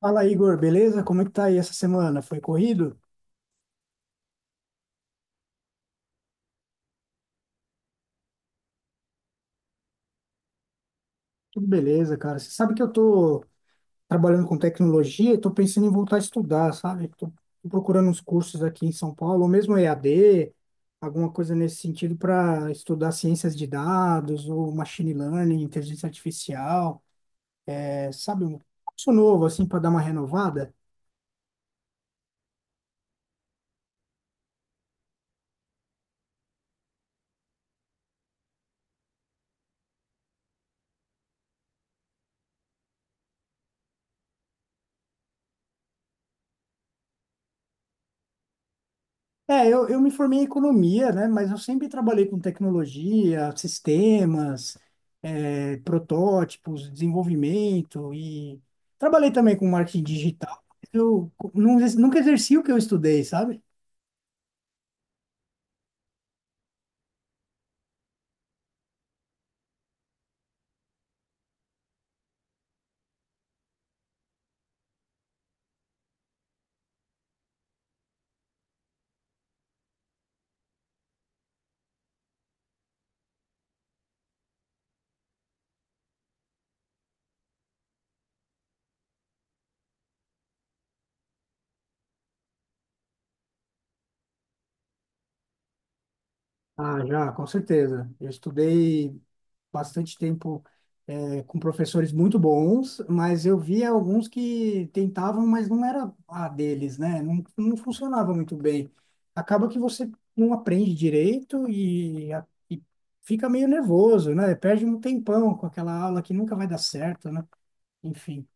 Fala, Igor, beleza? Como é que tá aí essa semana? Foi corrido? Tudo beleza, cara. Você sabe que eu tô trabalhando com tecnologia e tô pensando em voltar a estudar, sabe? Tô procurando uns cursos aqui em São Paulo, ou mesmo EAD, alguma coisa nesse sentido para estudar ciências de dados, ou machine learning, inteligência artificial. É, sabe, um curso novo, assim, para dar uma renovada. É, eu me formei em economia, né? Mas eu sempre trabalhei com tecnologia, sistemas, protótipos, desenvolvimento e trabalhei também com marketing digital. Eu co- não ex- nunca exerci o que eu estudei, sabe? Ah, já, com certeza. Eu estudei bastante tempo com professores muito bons, mas eu via alguns que tentavam, mas não era a deles, né? Não, não funcionava muito bem. Acaba que você não aprende direito e fica meio nervoso, né? Perde um tempão com aquela aula que nunca vai dar certo, né? Enfim.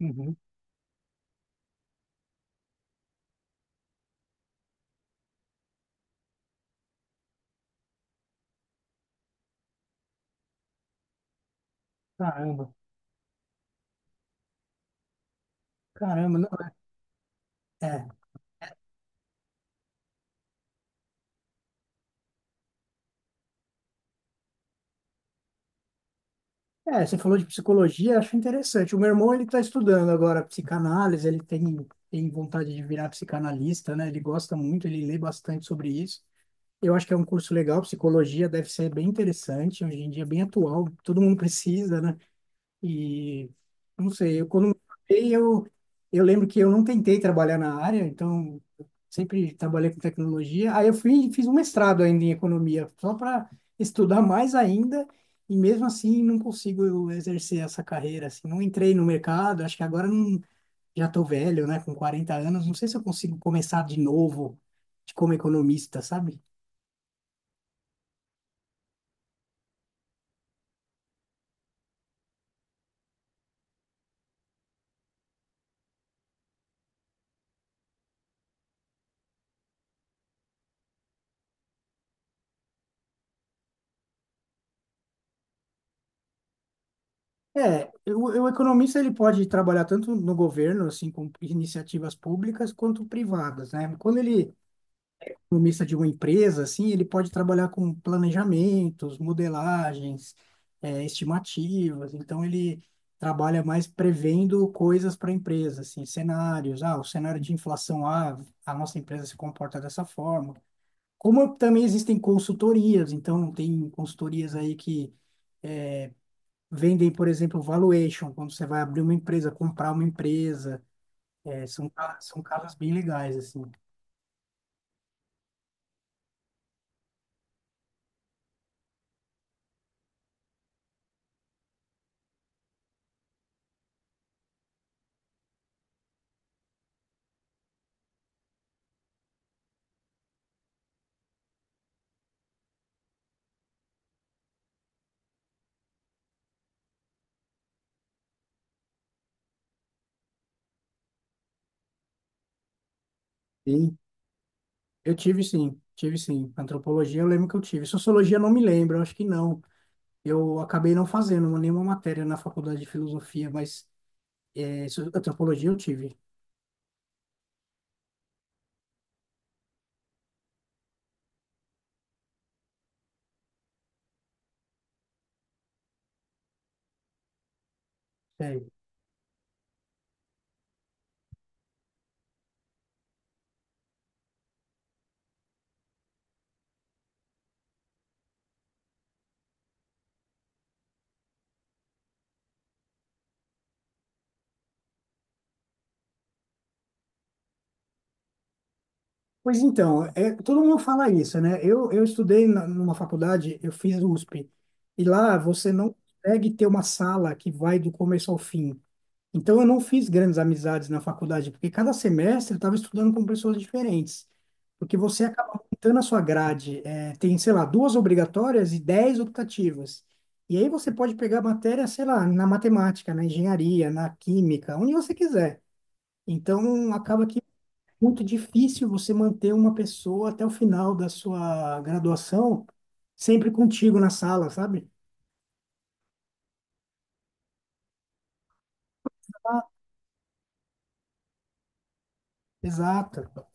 Uhum. Caramba. Caramba. É. É, você falou de psicologia, acho interessante. O meu irmão, ele está estudando agora psicanálise, ele tem vontade de virar psicanalista, né? Ele gosta muito, ele lê bastante sobre isso. Eu acho que é um curso legal, psicologia deve ser bem interessante, hoje em dia é bem atual, todo mundo precisa, né? E não sei, eu quando me formei, eu lembro que eu não tentei trabalhar na área, então sempre trabalhei com tecnologia. Aí eu fui e fiz um mestrado ainda em economia, só para estudar mais ainda, e mesmo assim não consigo exercer essa carreira, assim, não entrei no mercado, acho que agora não, já estou velho, né, com 40 anos, não sei se eu consigo começar de novo de como economista, sabe? É, o economista ele pode trabalhar tanto no governo, assim, com iniciativas públicas, quanto privadas, né? Quando ele é economista de uma empresa, assim, ele pode trabalhar com planejamentos, modelagens, é, estimativas. Então, ele trabalha mais prevendo coisas para a empresa, assim, cenários. Ah, o cenário de inflação, ah, a nossa empresa se comporta dessa forma. Como também existem consultorias, então tem consultorias aí que vendem, por exemplo, valuation, quando você vai abrir uma empresa, comprar uma empresa. É, são casos bem legais, assim. Sim, eu tive sim, tive sim. Antropologia eu lembro que eu tive. Sociologia eu não me lembro, eu acho que não. Eu acabei não fazendo nenhuma matéria na faculdade de filosofia, mas é, antropologia eu tive. Sério. Pois então, é, todo mundo fala isso, né? Eu estudei numa faculdade, eu fiz USP, e lá você não consegue ter uma sala que vai do começo ao fim. Então, eu não fiz grandes amizades na faculdade, porque cada semestre eu estava estudando com pessoas diferentes. Porque você acaba montando a sua grade. É, tem, sei lá, duas obrigatórias e 10 optativas. E aí você pode pegar matéria, sei lá, na matemática, na engenharia, na química, onde você quiser. Então, acaba que é muito difícil você manter uma pessoa até o final da sua graduação sempre contigo na sala, sabe? Exato.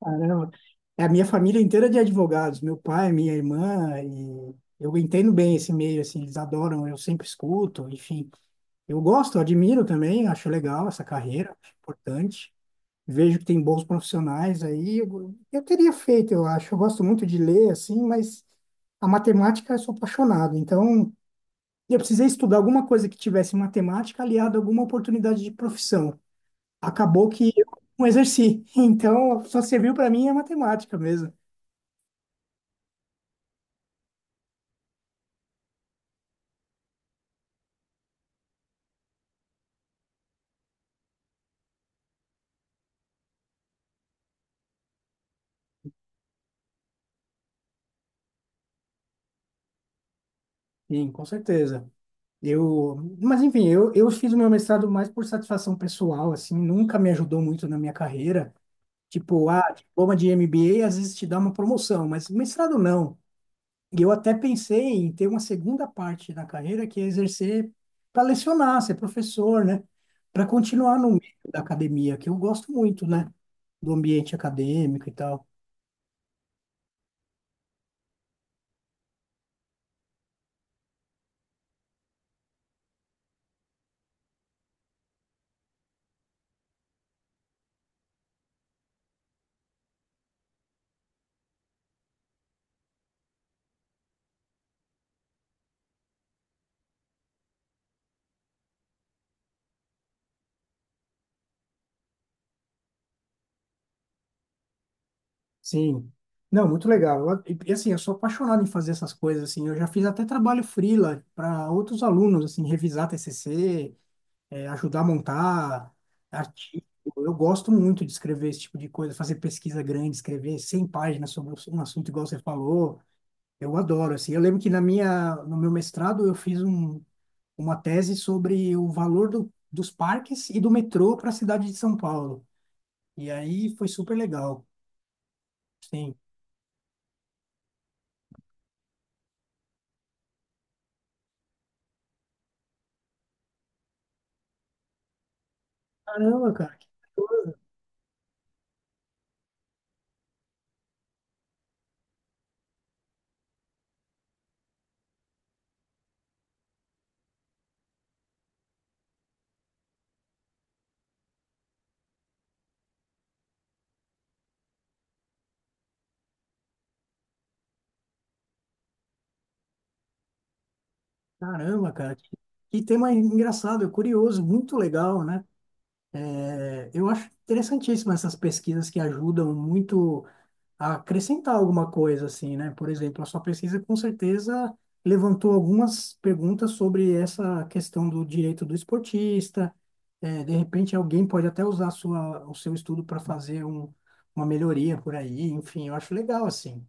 Caramba. É, a minha família inteira é de advogados, meu pai, minha irmã, e eu entendo bem esse meio, assim, eles adoram, eu sempre escuto, enfim. Eu gosto, admiro também, acho legal essa carreira, acho importante. Vejo que tem bons profissionais aí. Eu teria feito, eu acho. Eu gosto muito de ler, assim, mas a matemática eu sou apaixonado. Então, eu precisei estudar alguma coisa que tivesse matemática aliada a alguma oportunidade de profissão. Acabou que eu não exerci. Então, só serviu para mim a matemática mesmo. Sim, com certeza. Eu, mas enfim, eu fiz o meu mestrado mais por satisfação pessoal, assim, nunca me ajudou muito na minha carreira. Tipo, ah, diploma de MBA às vezes te dá uma promoção, mas mestrado não. E eu até pensei em ter uma segunda parte da carreira, que é exercer para lecionar, ser professor, né? Para continuar no meio da academia, que eu gosto muito, né? Do ambiente acadêmico e tal. Sim. Não, muito legal. E, assim, eu sou apaixonado em fazer essas coisas assim. Eu já fiz até trabalho freela para outros alunos, assim, revisar TCC, ajudar a montar artigo. Eu gosto muito de escrever esse tipo de coisa, fazer pesquisa grande, escrever 100 páginas sobre um assunto igual você falou. Eu adoro, assim. Eu lembro que no meu mestrado eu fiz uma tese sobre o valor dos parques e do metrô para a cidade de São Paulo. E aí foi super legal. Sim. Caramba, cara. Caramba, cara, que tema engraçado, curioso, muito legal, né? É, eu acho interessantíssimo essas pesquisas que ajudam muito a acrescentar alguma coisa, assim, né? Por exemplo, a sua pesquisa com certeza levantou algumas perguntas sobre essa questão do direito do esportista. É, de repente, alguém pode até usar o seu estudo para fazer um, uma melhoria por aí. Enfim, eu acho legal, assim.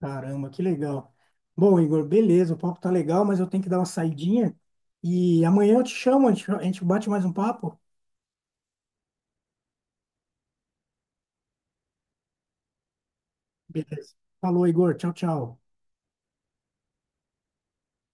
Caramba, que legal. Bom, Igor, beleza, o papo tá legal, mas eu tenho que dar uma saidinha e amanhã eu te chamo, a gente bate mais um papo. Beleza. Falou, Igor. Tchau, tchau.